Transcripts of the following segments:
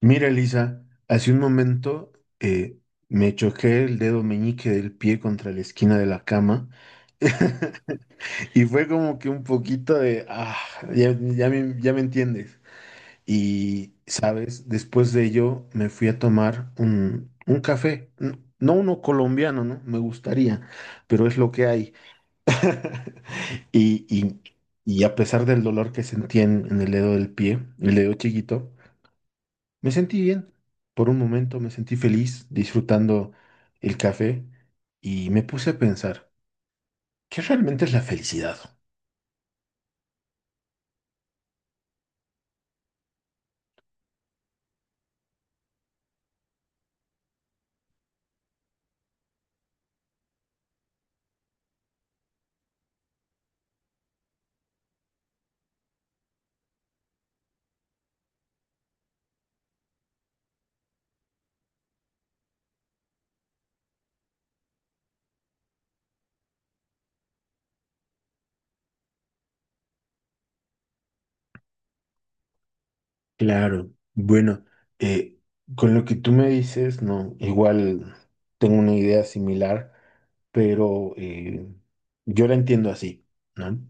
Mira, Elisa, hace un momento eh, me choqué el dedo meñique del pie contra la esquina de la cama y fue como que un poquito de, ah, ya me entiendes. Y, sabes, después de ello me fui a tomar un café, no uno colombiano, ¿no? Me gustaría, pero es lo que hay. Y, y, y a pesar del dolor que sentí en el dedo del pie, el dedo chiquito, me sentí bien. Por un momento me sentí feliz disfrutando el café y me puse a pensar, ¿qué realmente es la felicidad? Claro, bueno, eh, con lo que tú me dices, no, igual tengo una idea similar, pero yo la entiendo así, ¿no?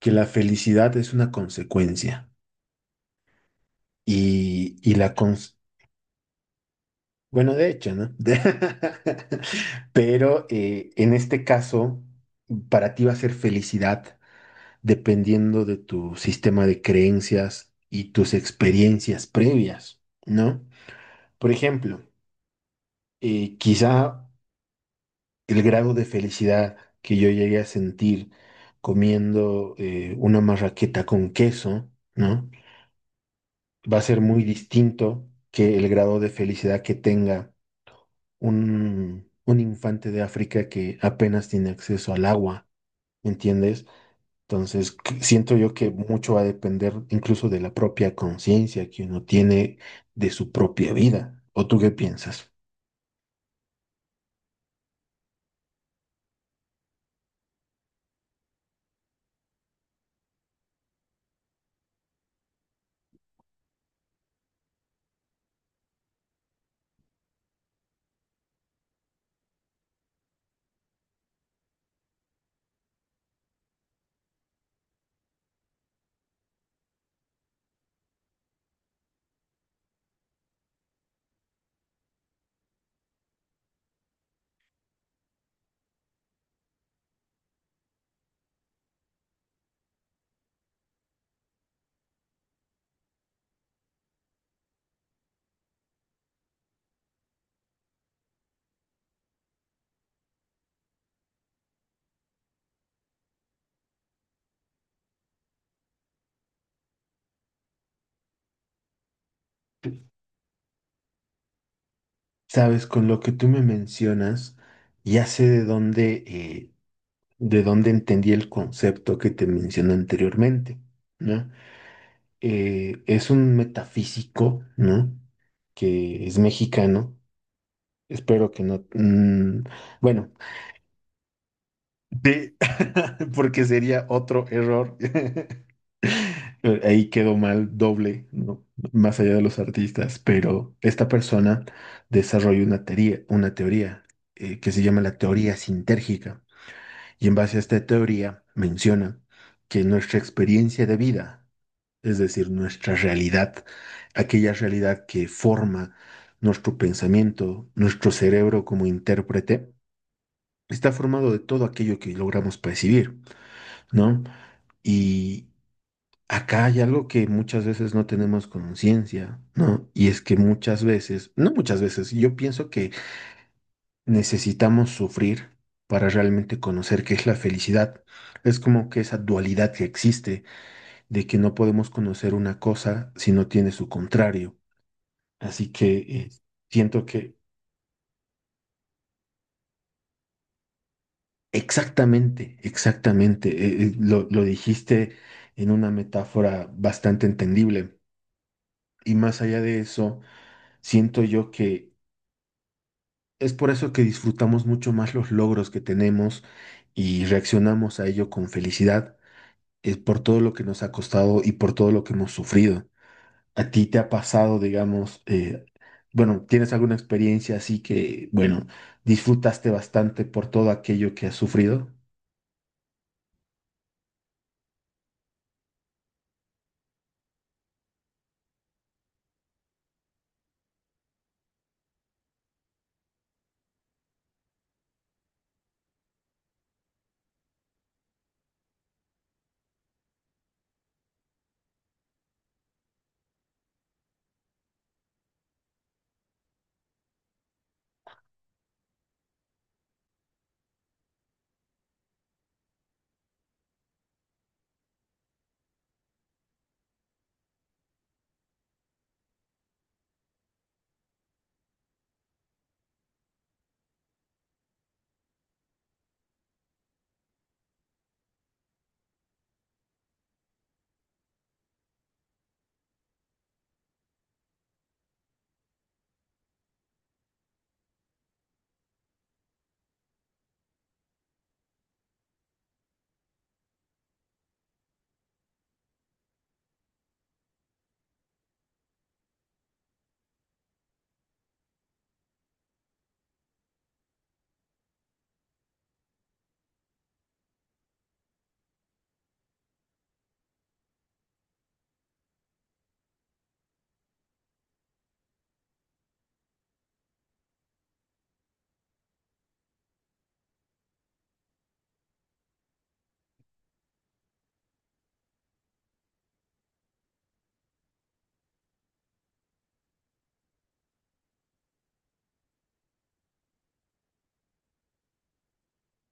Que la felicidad es una consecuencia y, y la, cons- bueno, de hecho, ¿no? Pero en este caso, para ti va a ser felicidad dependiendo de tu sistema de creencias y tus experiencias previas, ¿no? Por ejemplo, quizá el grado de felicidad que yo llegué a sentir comiendo una marraqueta con queso, ¿no? Va a ser muy distinto que el grado de felicidad que tenga un infante de África que apenas tiene acceso al agua, ¿me entiendes? Entonces, siento yo que mucho va a depender incluso de la propia conciencia que uno tiene de su propia vida. ¿O tú qué piensas? Sabes, con lo que tú me mencionas, ya sé de dónde entendí el concepto que te mencioné anteriormente, ¿no? Es un metafísico, ¿no? Que es mexicano. Espero que no. Bueno, de- porque sería otro error. Ahí quedó mal doble, ¿no? Más allá de los artistas, pero esta persona desarrolló una teoría que se llama la teoría sintérgica. Y en base a esta teoría menciona que nuestra experiencia de vida, es decir, nuestra realidad, aquella realidad que forma nuestro pensamiento, nuestro cerebro como intérprete, está formado de todo aquello que logramos percibir, ¿no? Y acá hay algo que muchas veces no tenemos conciencia, ¿no? Y es que muchas veces, no muchas veces, yo pienso que necesitamos sufrir para realmente conocer qué es la felicidad. Es como que esa dualidad que existe de que no podemos conocer una cosa si no tiene su contrario. Así que siento que... Exactamente, exactamente. Lo dijiste en una metáfora bastante entendible. Y más allá de eso, siento yo que es por eso que disfrutamos mucho más los logros que tenemos y reaccionamos a ello con felicidad. Es por todo lo que nos ha costado y por todo lo que hemos sufrido. ¿A ti te ha pasado, digamos, bueno, tienes alguna experiencia así que, bueno, disfrutaste bastante por todo aquello que has sufrido?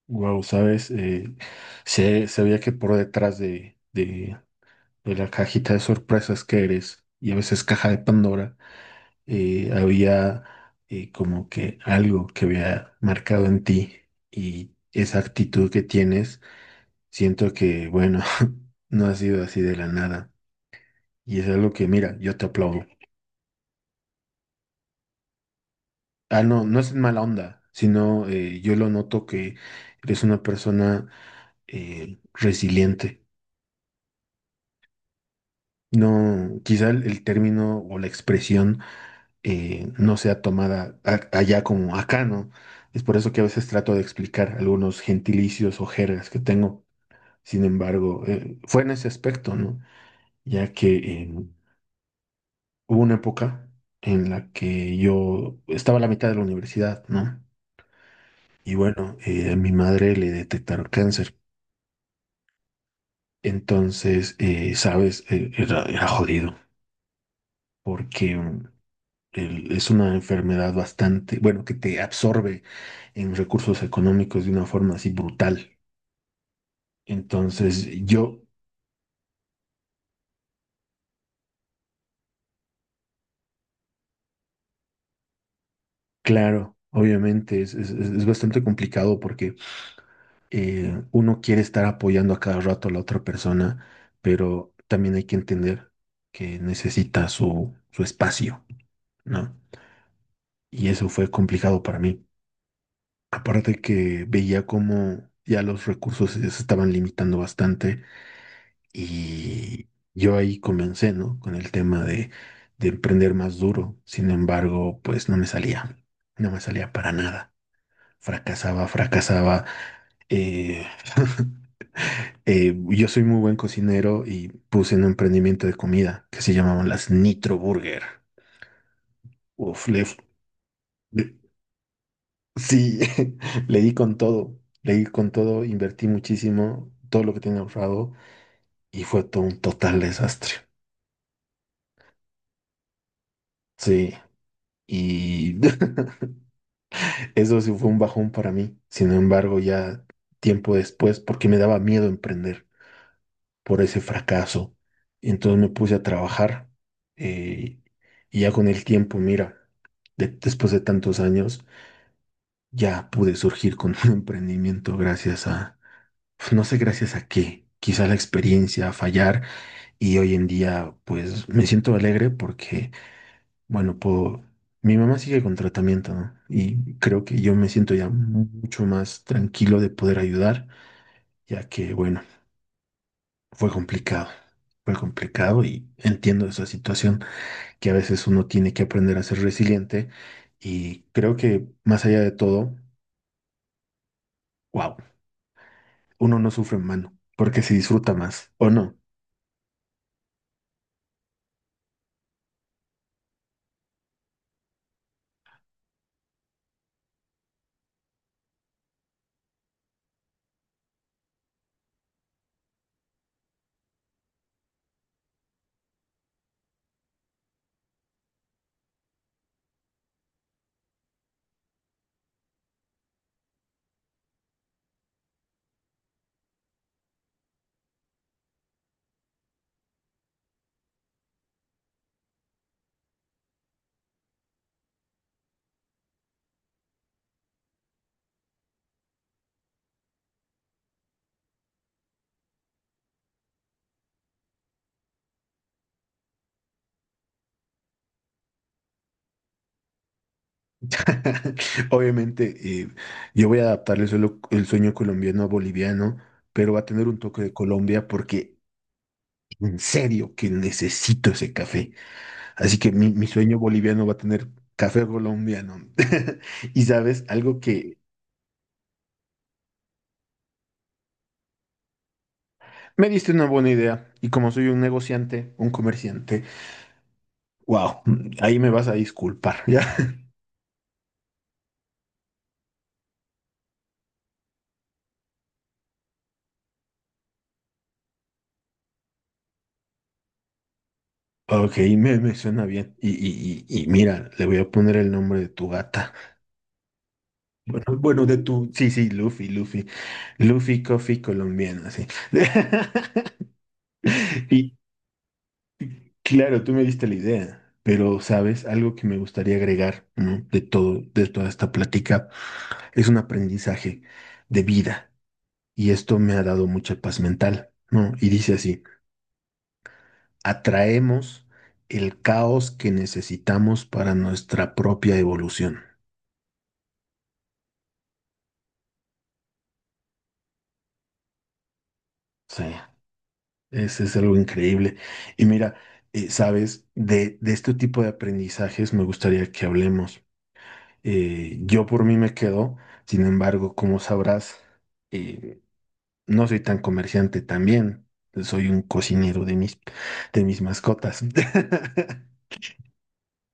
Wow, ¿sabes? Sabía que por detrás de la cajita de sorpresas que eres y a veces caja de Pandora, había como que algo que había marcado en ti y esa actitud que tienes, siento que, bueno, no ha sido así de la nada. Y es algo que, mira, yo te aplaudo. Ah, no, no es en mala onda, sino yo lo noto que eres una persona resiliente. No, quizá el término o la expresión no sea tomada allá como acá, ¿no? Es por eso que a veces trato de explicar algunos gentilicios o jergas que tengo. Sin embargo, fue en ese aspecto, ¿no? Ya que hubo una época en la que yo estaba a la mitad de la universidad, ¿no? Y bueno, a mi madre le detectaron cáncer. Entonces, sabes, era jodido porque es una enfermedad bastante, bueno, que te absorbe en recursos económicos de una forma así brutal. Entonces, yo, claro, obviamente es bastante complicado porque uno quiere estar apoyando a cada rato a la otra persona, pero también hay que entender que necesita su espacio, ¿no? Y eso fue complicado para mí. Aparte que veía cómo ya los recursos se estaban limitando bastante. Y yo ahí comencé, ¿no? Con el tema de emprender más duro. Sin embargo, pues no me salía, no me salía para nada. Fracasaba, fracasaba. Eh, yo soy muy buen cocinero y puse un emprendimiento de comida que se llamaban las Nitro Burger. Uf, le- sí, le di con todo, le di con todo, invertí muchísimo, todo lo que tenía ahorrado y fue todo un total desastre. Sí. Y eso sí fue un bajón para mí. Sin embargo, ya tiempo después, porque me daba miedo emprender por ese fracaso, entonces me puse a trabajar. eh, y ya con el tiempo, mira, después de tantos años, ya pude surgir con un emprendimiento gracias a, no sé gracias a qué, quizá la experiencia, a fallar. Y hoy en día, pues me siento alegre porque bueno, puedo... Mi mamá sigue con tratamiento, ¿no? Y creo que yo me siento ya mucho más tranquilo de poder ayudar, ya que, bueno, fue complicado. Fue complicado y entiendo esa situación que a veces uno tiene que aprender a ser resiliente y creo que más allá de todo, wow, uno no sufre en mano porque se disfruta más, ¿o no? Obviamente, yo voy a adaptar el sueño colombiano a boliviano, pero va a tener un toque de Colombia porque en serio que necesito ese café. Así que mi sueño boliviano va a tener café colombiano. Y sabes, algo que me diste una buena idea. Y como soy un negociante, un comerciante, wow, ahí me vas a disculpar, ¿ya? Ok, me suena bien. Y mira, le voy a poner el nombre de tu gata. Bueno, bueno, de tu. Sí, sí, Luffy, Luffy. Luffy Coffee colombiano, sí. Y, claro, tú me diste la idea, pero sabes, algo que me gustaría agregar, ¿no? De todo, de toda esta plática, es un aprendizaje de vida y esto me ha dado mucha paz mental, ¿no? Y dice así, atraemos el caos que necesitamos para nuestra propia evolución. Sí, ese es algo increíble. Y mira, sabes, de este tipo de aprendizajes me gustaría que hablemos. Yo por mí me quedo, sin embargo, como sabrás, eh, no soy tan comerciante también. Soy un cocinero de mis mascotas.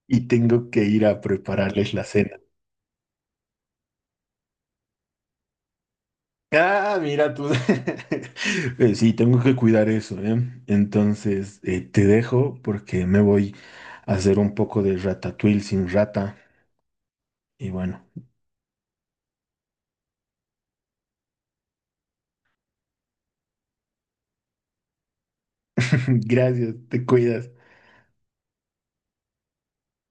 Y tengo que ir a prepararles la cena. Ah, mira tú. Sí, tengo que cuidar eso, ¿eh? Entonces, te dejo porque me voy a hacer un poco de ratatouille sin rata. Y bueno, gracias, te cuidas.